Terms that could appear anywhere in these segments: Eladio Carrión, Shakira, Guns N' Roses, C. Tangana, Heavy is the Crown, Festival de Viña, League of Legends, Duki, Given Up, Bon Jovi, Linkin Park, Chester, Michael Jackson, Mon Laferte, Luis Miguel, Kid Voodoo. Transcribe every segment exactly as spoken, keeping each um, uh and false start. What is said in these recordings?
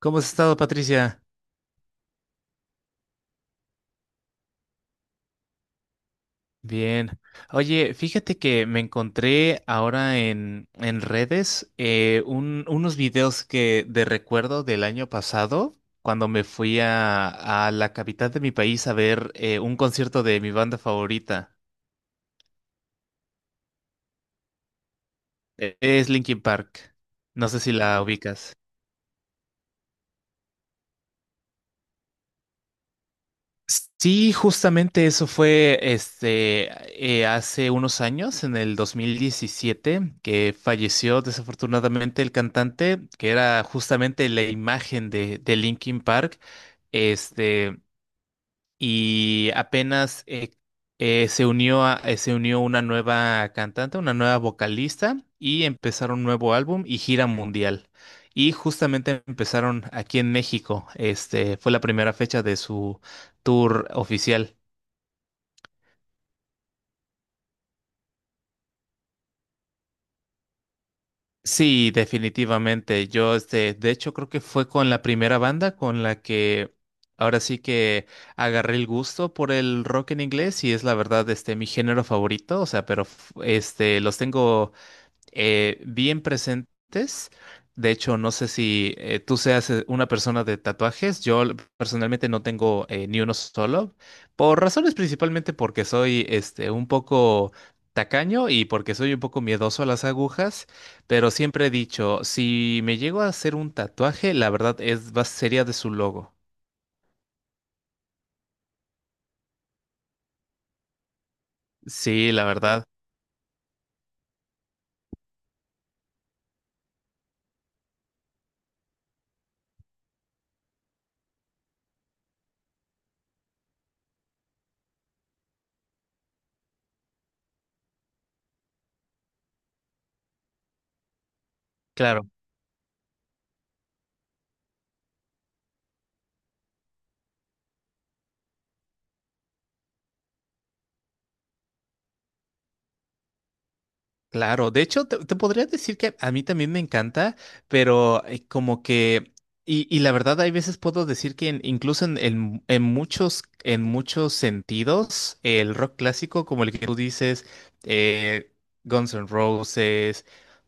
¿Cómo has estado, Patricia? Bien. Oye, fíjate que me encontré ahora en, en redes eh, un- unos videos que de recuerdo del año pasado, cuando me fui a, a la capital de mi país a ver eh, un concierto de mi banda favorita. Eh, Es Linkin Park. No sé si la ubicas. Sí, justamente eso fue este eh, hace unos años, en el dos mil diecisiete, que falleció desafortunadamente el cantante, que era justamente la imagen de, de Linkin Park. Este, y apenas eh, eh, se unió a- eh, se unió una nueva cantante, una nueva vocalista, y empezaron un nuevo álbum y gira mundial. Y justamente empezaron aquí en México. Este, fue la primera fecha de su tour oficial. Sí, definitivamente. Yo, este, de hecho, creo que fue con la primera banda con la que ahora sí que agarré el gusto por el rock en inglés y es la verdad, este, mi género favorito. O sea, pero f- este, los tengo eh, bien presentes. De hecho, no sé si eh, tú seas eh, una persona de tatuajes. Yo l- personalmente no tengo eh, ni uno solo, por razones principalmente porque soy este, un poco tacaño y porque soy un poco miedoso a las agujas, pero siempre he dicho, si me llego a hacer un tatuaje, la verdad es, va, sería de su logo. Sí, la verdad, claro. Claro, de hecho, te, te podría decir que a mí también me encanta, pero eh, como que, y, y la verdad, hay veces puedo decir que en- incluso en, en- en muchos, en muchos sentidos, el rock clásico, como el que tú dices, eh, Guns N' Roses,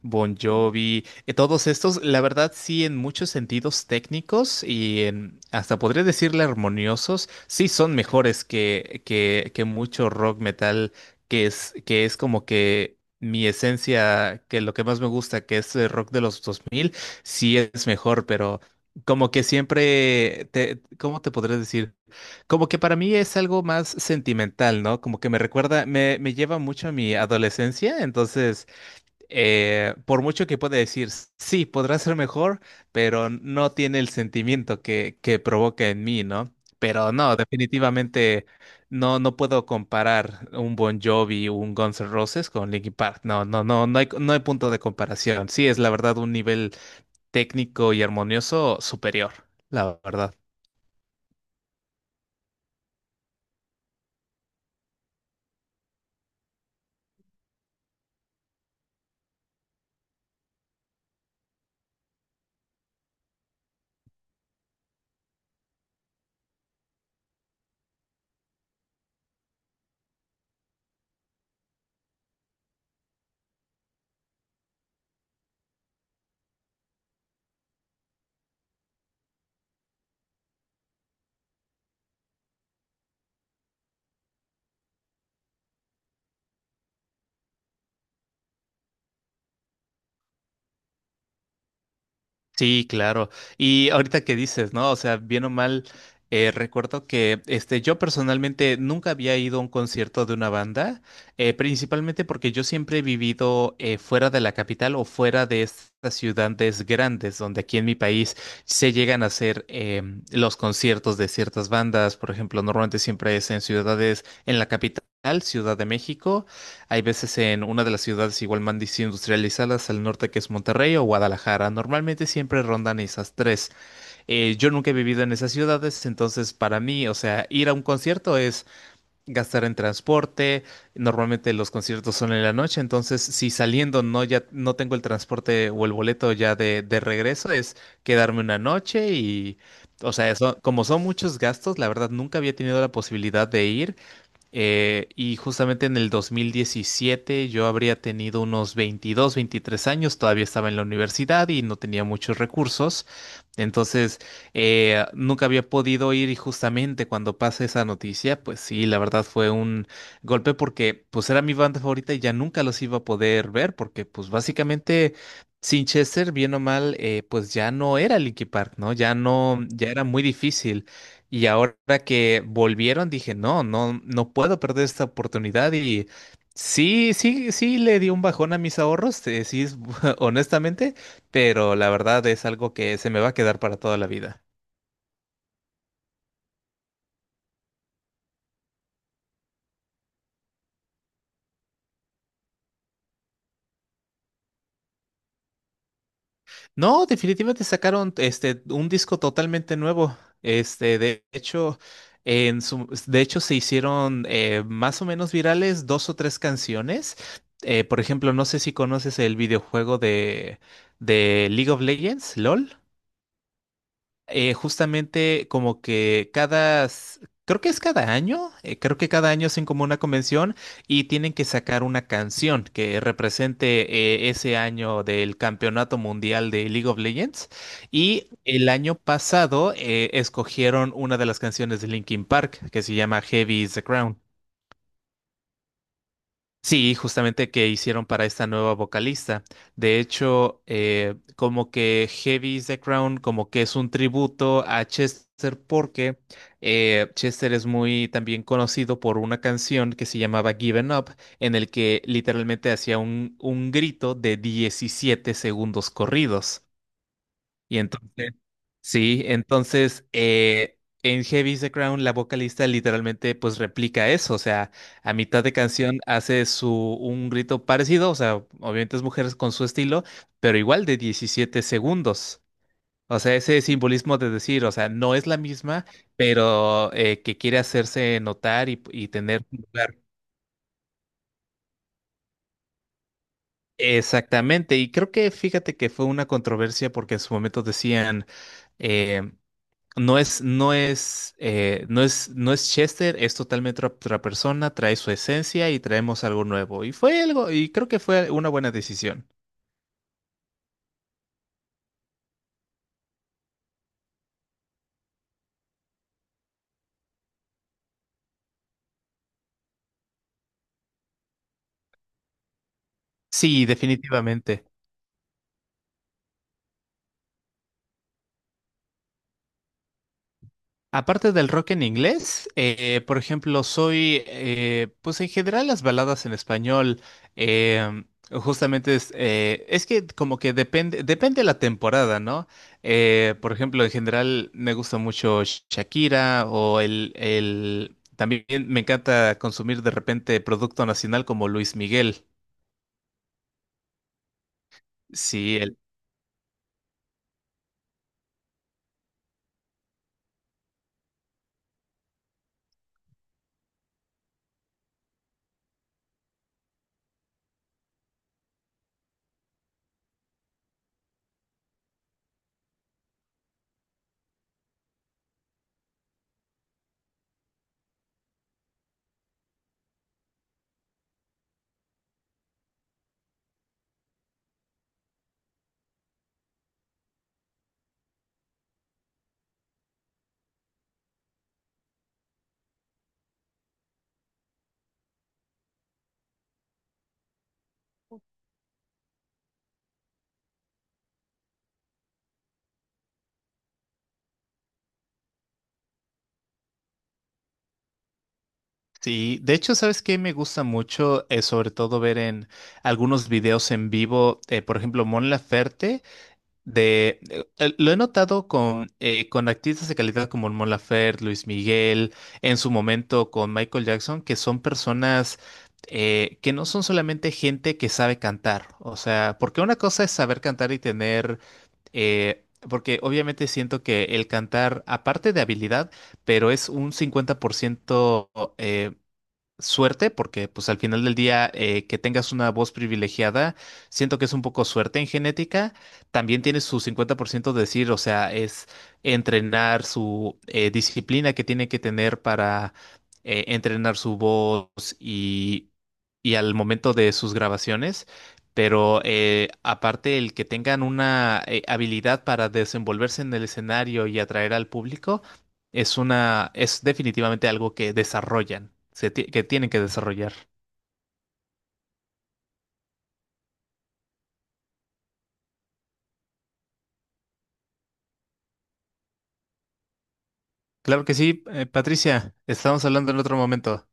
Bon Jovi, eh, todos estos, la verdad, sí, en muchos sentidos técnicos y en, hasta podría decirle armoniosos, sí son mejores que, que, que mucho rock metal que es, que es como que mi esencia, que lo que más me gusta, que es el rock de los dos mil sí es mejor, pero como que siempre, te, ¿cómo te podré decir? Como que para mí es algo más sentimental, ¿no? Como que me recuerda, me, me lleva mucho a mi adolescencia, entonces eh, por mucho que pueda decir, sí, podrá ser mejor, pero no tiene el sentimiento que, que provoca en mí, ¿no? Pero no, definitivamente no, no puedo comparar un Bon Jovi, un Guns N' Roses con Linkin Park. No, no, no, no hay, no hay punto de comparación. Sí, es la verdad un nivel técnico y armonioso superior, la verdad. Sí, claro. Y ahorita que dices, ¿no? O sea, bien o mal, eh, recuerdo que este, yo personalmente nunca había ido a un concierto de una banda, eh, principalmente porque yo siempre he vivido eh, fuera de la capital o fuera de estas ciudades grandes, donde aquí en mi país se llegan a hacer em, los conciertos de ciertas bandas. Por ejemplo, normalmente siempre es en ciudades, en la capital, Ciudad de México. Hay veces en una de las ciudades igual más industrializadas al norte que es Monterrey o Guadalajara. Normalmente siempre rondan esas tres. Eh, yo nunca he vivido en esas ciudades, entonces para mí, o sea, ir a un concierto es gastar en transporte. Normalmente los conciertos son en la noche, entonces si saliendo no ya no tengo el transporte o el boleto ya de, de regreso, es quedarme una noche y, o sea, eso, como son muchos gastos, la verdad nunca había tenido la posibilidad de ir. Eh, y justamente en el dos mil diecisiete yo habría tenido unos veintidós, veintitrés años, todavía estaba en la universidad y no tenía muchos recursos. Entonces, eh, nunca había podido ir y justamente cuando pasa esa noticia, pues sí, la verdad fue un golpe porque pues era mi banda favorita y ya nunca los iba a poder ver porque pues básicamente Chester bien o mal, eh, pues ya no era Linkin Park, ¿no? Ya no, ya era muy difícil. Y ahora que volvieron, dije, no, no, no puedo perder esta oportunidad. Y sí, sí, sí le di un bajón a mis ahorros, eh, sí, es- honestamente, pero la verdad es algo que se me va a quedar para toda la vida. No, definitivamente sacaron este un disco totalmente nuevo. Este, de hecho, en su, de hecho, se hicieron eh, más o menos virales dos o tres canciones. Eh, por ejemplo, no sé si conoces el videojuego de, de League of Legends, LOL. Eh, justamente como que cada, s- creo que es cada año, eh, creo que cada año hacen como una convención y tienen que sacar una canción que represente eh, ese año del Campeonato Mundial de League of Legends. Y el año pasado eh, escogieron una de las canciones de Linkin Park que se llama Heavy is the Crown. Sí, justamente que hicieron para esta nueva vocalista. De hecho, eh, como que Heavy is the Crown, como que es un tributo a Chester porque eh, Chester es muy también conocido por una canción que se llamaba Given Up, en el que literalmente hacía un, un grito de diecisiete segundos corridos. Y entonces Sí, entonces eh, en Heavy is the Crown la vocalista literalmente pues replica eso, o sea, a mitad de canción hace su un grito parecido, o sea, obviamente es mujeres con su estilo, pero igual de diecisiete segundos. O sea, ese simbolismo de decir, o sea, no es la misma, pero eh, que quiere hacerse notar y, y tener un lugar. Exactamente, y creo que fíjate que fue una controversia porque en su momento decían, eh, no es, no es, eh, no es, no es Chester, es totalmente otra otra persona, trae su esencia y traemos algo nuevo. Y fue algo, y creo que fue una buena decisión. Sí, definitivamente. Aparte del rock en inglés, eh, por ejemplo, soy, eh, pues en general las baladas en español, em, justamente es, eh, es que como que depende, depende la temporada, ¿no? Eh, por ejemplo, en general me gusta mucho Sh- Shakira o el, el, también me encanta consumir de repente producto nacional como Luis Miguel. Sí, el, sí. De hecho, ¿sabes qué me gusta mucho? Eh, sobre todo ver en algunos videos en vivo, eh, por ejemplo, Mon Laferte. De, eh, lo he notado con, eh, con artistas de calidad como Mon Laferte, Luis Miguel, en su momento con Michael Jackson, que son personas eh, que no son solamente gente que sabe cantar. O sea, porque una cosa es saber cantar y tener eh, porque obviamente siento que el cantar, aparte de habilidad, pero es un cincuenta por ciento suerte, porque pues al final del día eh, que tengas una voz privilegiada, siento que es un poco suerte en genética, también tiene su cincuenta por ciento de decir, o sea, es entrenar su eh, disciplina que tiene que tener para eh, entrenar su voz y, y al momento de sus grabaciones. Pero eh, aparte el que tengan una eh, habilidad para desenvolverse en el escenario y atraer al público, es una, es definitivamente algo que desarrollan, se ti- que tienen que desarrollar. Claro que sí, eh, Patricia, estamos hablando en otro momento.